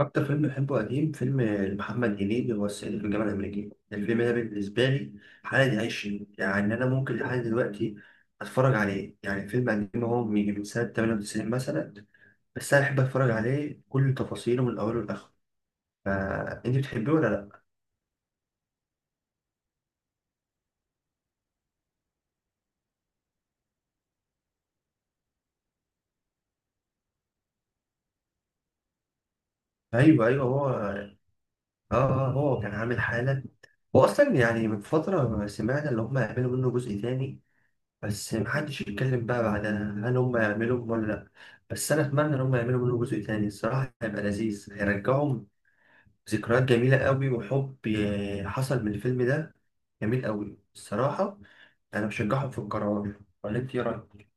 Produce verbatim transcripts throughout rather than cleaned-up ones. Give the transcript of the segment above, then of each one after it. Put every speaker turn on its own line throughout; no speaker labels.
أكتر فيلم بحبه قديم، فيلم لمحمد هنيدي، هو الصعيدي في الجامعة الأمريكية. الفيلم ده بالنسبة لي حالة عيش، يعني أنا ممكن لحد دلوقتي أتفرج عليه. يعني فيلم قديم، هو من من سنة تمانية وتسعين مثلا، بس أنا أحب أتفرج عليه كل تفاصيله من أوله لآخره. فأنت بتحبيه ولا لأ؟ أيوه أيوه، هو آه، آه هو كان عامل حالة. هو أصلا يعني من فترة سمعنا إن هما هيعملوا منه جزء تاني، بس محدش يتكلم بقى بعدها هل هم يعملوا ولا لأ. بس أنا أتمنى إن هم يعملوا منه جزء تاني، الصراحة هيبقى لذيذ، هيرجعهم ذكريات جميلة قوي. وحب ي- حصل من الفيلم ده جميل قوي الصراحة. أنا بشجعهم في القرار، ولا أنت إيه رأيك؟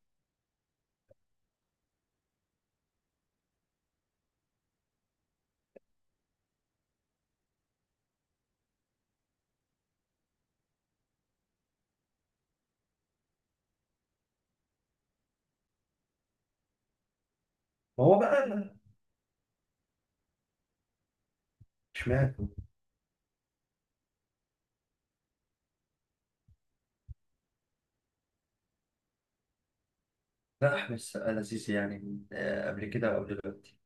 ما هو بقى. اشمعنى؟ لا، أحمد السقا لذيذ يعني، آه، قبل كده أو دلوقتي.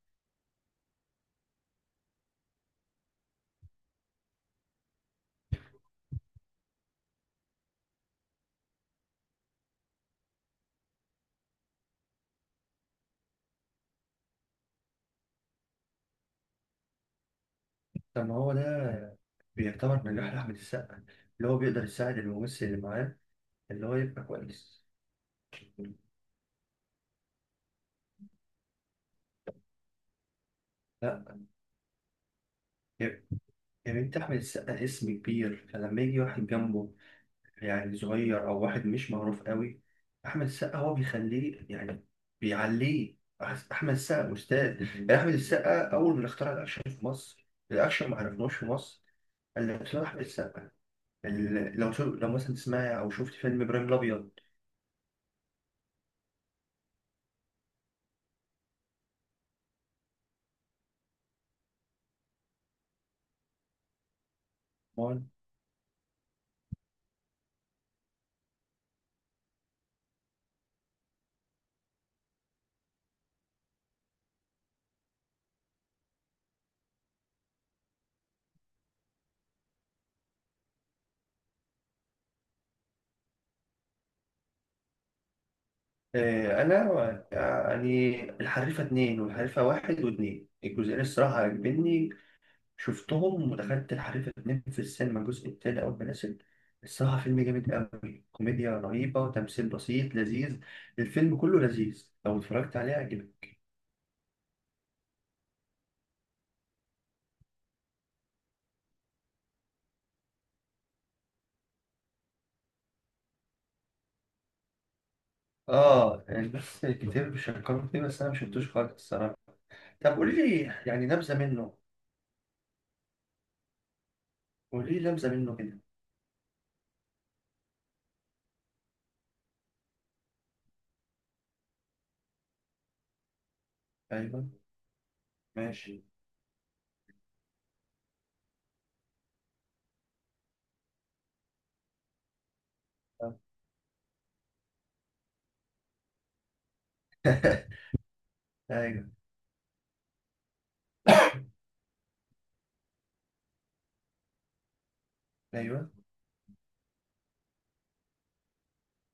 طب ما هو ده بيعتبر نجاح لأحمد السقا، اللي هو بيقدر يساعد الممثل اللي معاه، اللي هو يبقى كويس. لا. يعني انت احمد السقا اسم كبير، فلما يجي واحد جنبه يعني صغير او واحد مش معروف قوي، احمد السقا هو بيخليه يعني، بيعليه. أحس- احمد السقا استاذ، يعني احمد السقا اول ما اخترع الاكشن في مصر، الاكشن ما عرفناش في مصر الا بسبب احمد السقا. ال- لو شو لو مثلا تسمعي او شفت فيلم ابراهيم الابيض. طبعاً. آه، انا يعني الحريفه اتنين، والحريفه واحد واتنين الجزئين الصراحه عجبني. شفتهم، ودخلت الحريفة اتنين في السينما الجزء التاني أول ما نزل. الصراحة فيلم جامد أوي، كوميديا رهيبة، تمثيل بسيط لذيذ، الفيلم كله لذيذ، لو اتفرجت عليه هيعجبك. آه، الناس كتير بيشكروا فيه، بس أنا مشفتوش خالص الصراحة. طب قولي لي يعني نبذة منه. قولي لي نبذة منه كده. أيوه. ماشي. أيوه. أيوه.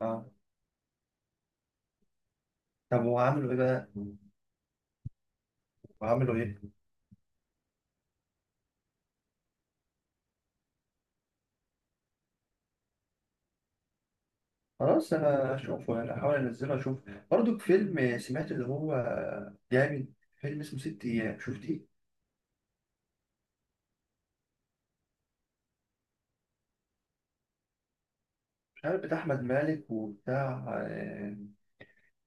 آه. طب وعملوا إيه بقى؟ وعملوا إيه؟ خلاص انا اشوفه يعني، احاول انزله اشوف. برضو فيلم سمعت اللي هو جامد، فيلم اسمه ست ايام، شفتيه؟ مش عارف، بتاع احمد مالك وبتاع آه،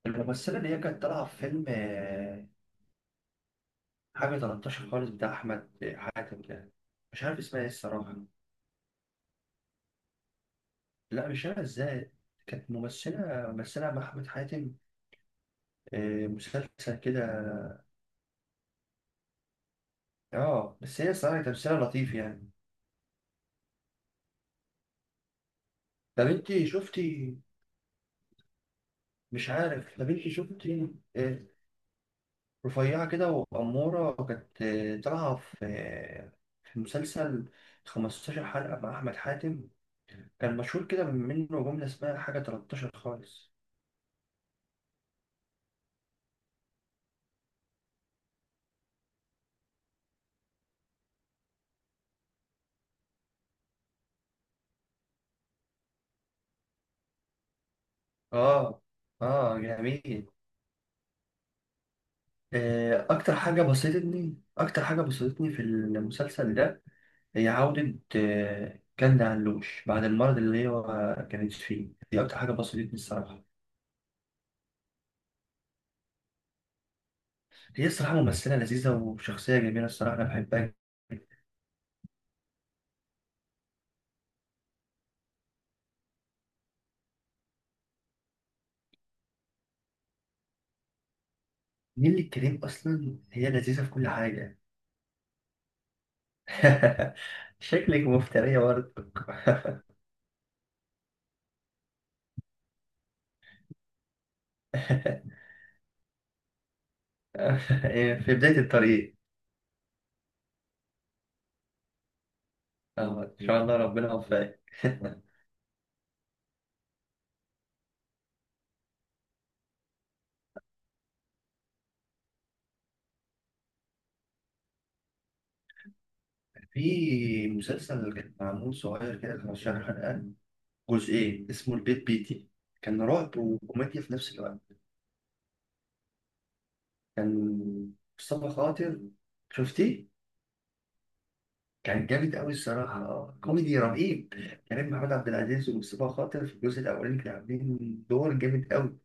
الممثله اللي هي كانت طالعه في فيلم، آه، حاجه تلتاشر خالص بتاع احمد حاتم ده. مش عارف اسمها ايه الصراحه. لا مش عارف ازاي، كانت ممثله ممثله مع احمد حاتم، آه، مسلسل كده. اه، بس هي الصراحه تمثيلها لطيف يعني. طب انت شفتي، مش عارف، طب انت شفتي، آه، رفيعة كده وأمورة، وكانت طالعة في في مسلسل خمستاشر حلقة مع أحمد حاتم، كان مشهور كده منه جملة اسمها حاجة تلتاشر خالص. آه. آه جميل. آه، أكتر حاجة بسطتني، أكتر حاجة بسطتني في المسلسل ده، هي عودة آه، كندا علوش بعد المرض اللي هي كانت فيه دي، أكتر حاجة بسطتني الصراحة. هي الصراحة ممثلة لذيذة وشخصية جميلة الصراحة، أنا بحبها. نيللي الكريم اصلا هي لذيذه في كل حاجه. شكلك مفترية برضه. في بداية الطريق. اه ان شاء الله، ربنا يوفقك. في مسلسل كان معمول صغير كده، خمستاشر حلقة، جزئين، اسمه البيت بيتي، كان رعب وكوميديا في نفس الوقت. كان مصطفى خاطر، شفتيه؟ كان جامد أوي الصراحة، كوميدي رهيب، كريم محمود عبد العزيز ومصطفى خاطر في الجزء الأولاني كانوا عاملين دور جامد أوي.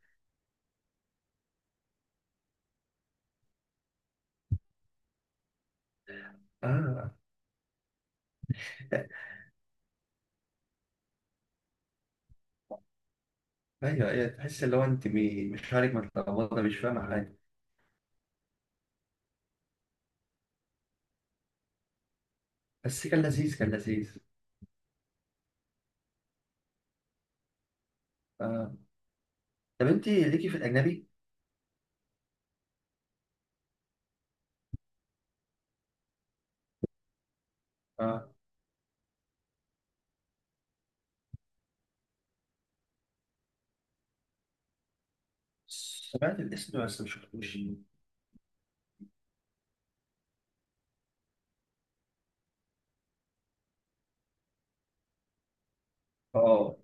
آه. ايوه ايوه، تحس اللي هو انت بي- مش عارف، متلخبطه مش فاهمه حاجه. بس كان لذيذ، كان لذيذ. آه. طب انت ليكي في الاجنبي؟ آه. سمعت الاسم بس ما شفتوش. اه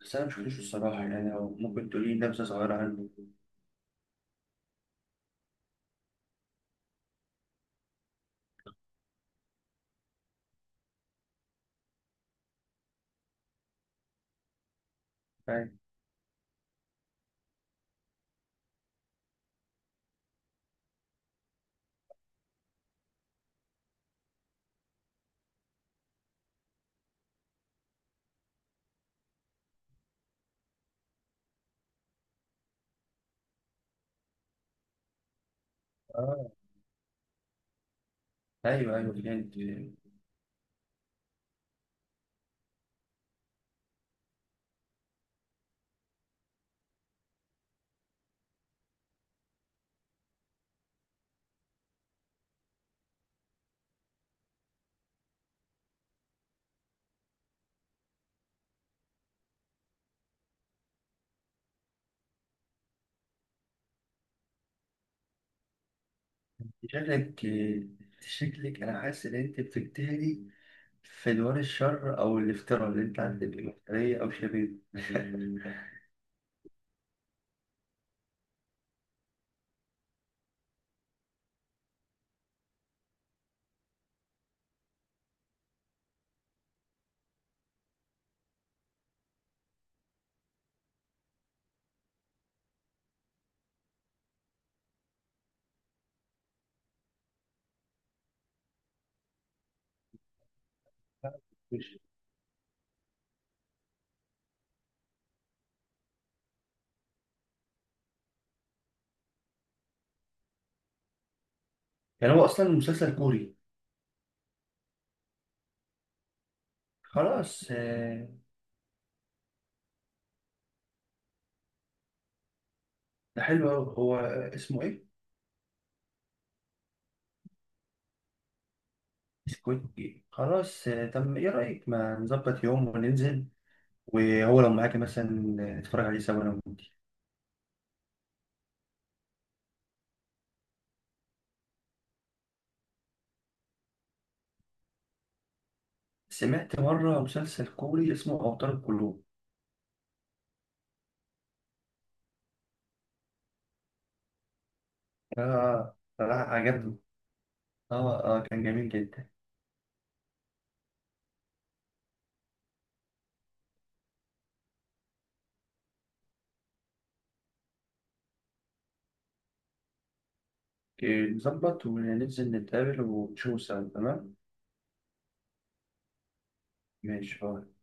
بس انا ما شفتوش الصراحه، يعني لو ممكن تقولي لي نبذه صغيره عنه. أيوة. اه ايوه ايوه فهمت. شكلك، شكلك انا حاسس ان انت بتجتهدي في دوار الشر، او الافتراء اللي انت عندك مفترية او شبيه. يعني هو اصلا مسلسل كوري. خلاص آه، ده حلو أوي هو، اسمه إيه؟ سكويد جيم. خلاص آه، طب إيه رأيك ما نظبط يوم وننزل، وهو لو معاكي مثلا نتفرج عليه سوا أنا وأنت. سمعت مرة مسلسل كوري اسمه أوتار القلوب. آه صراحة عجبني، آه آه كان جميل جدا. آه، نظبط وننزل نتقابل ونشوف سوا تمام؟ ماشي خلاص.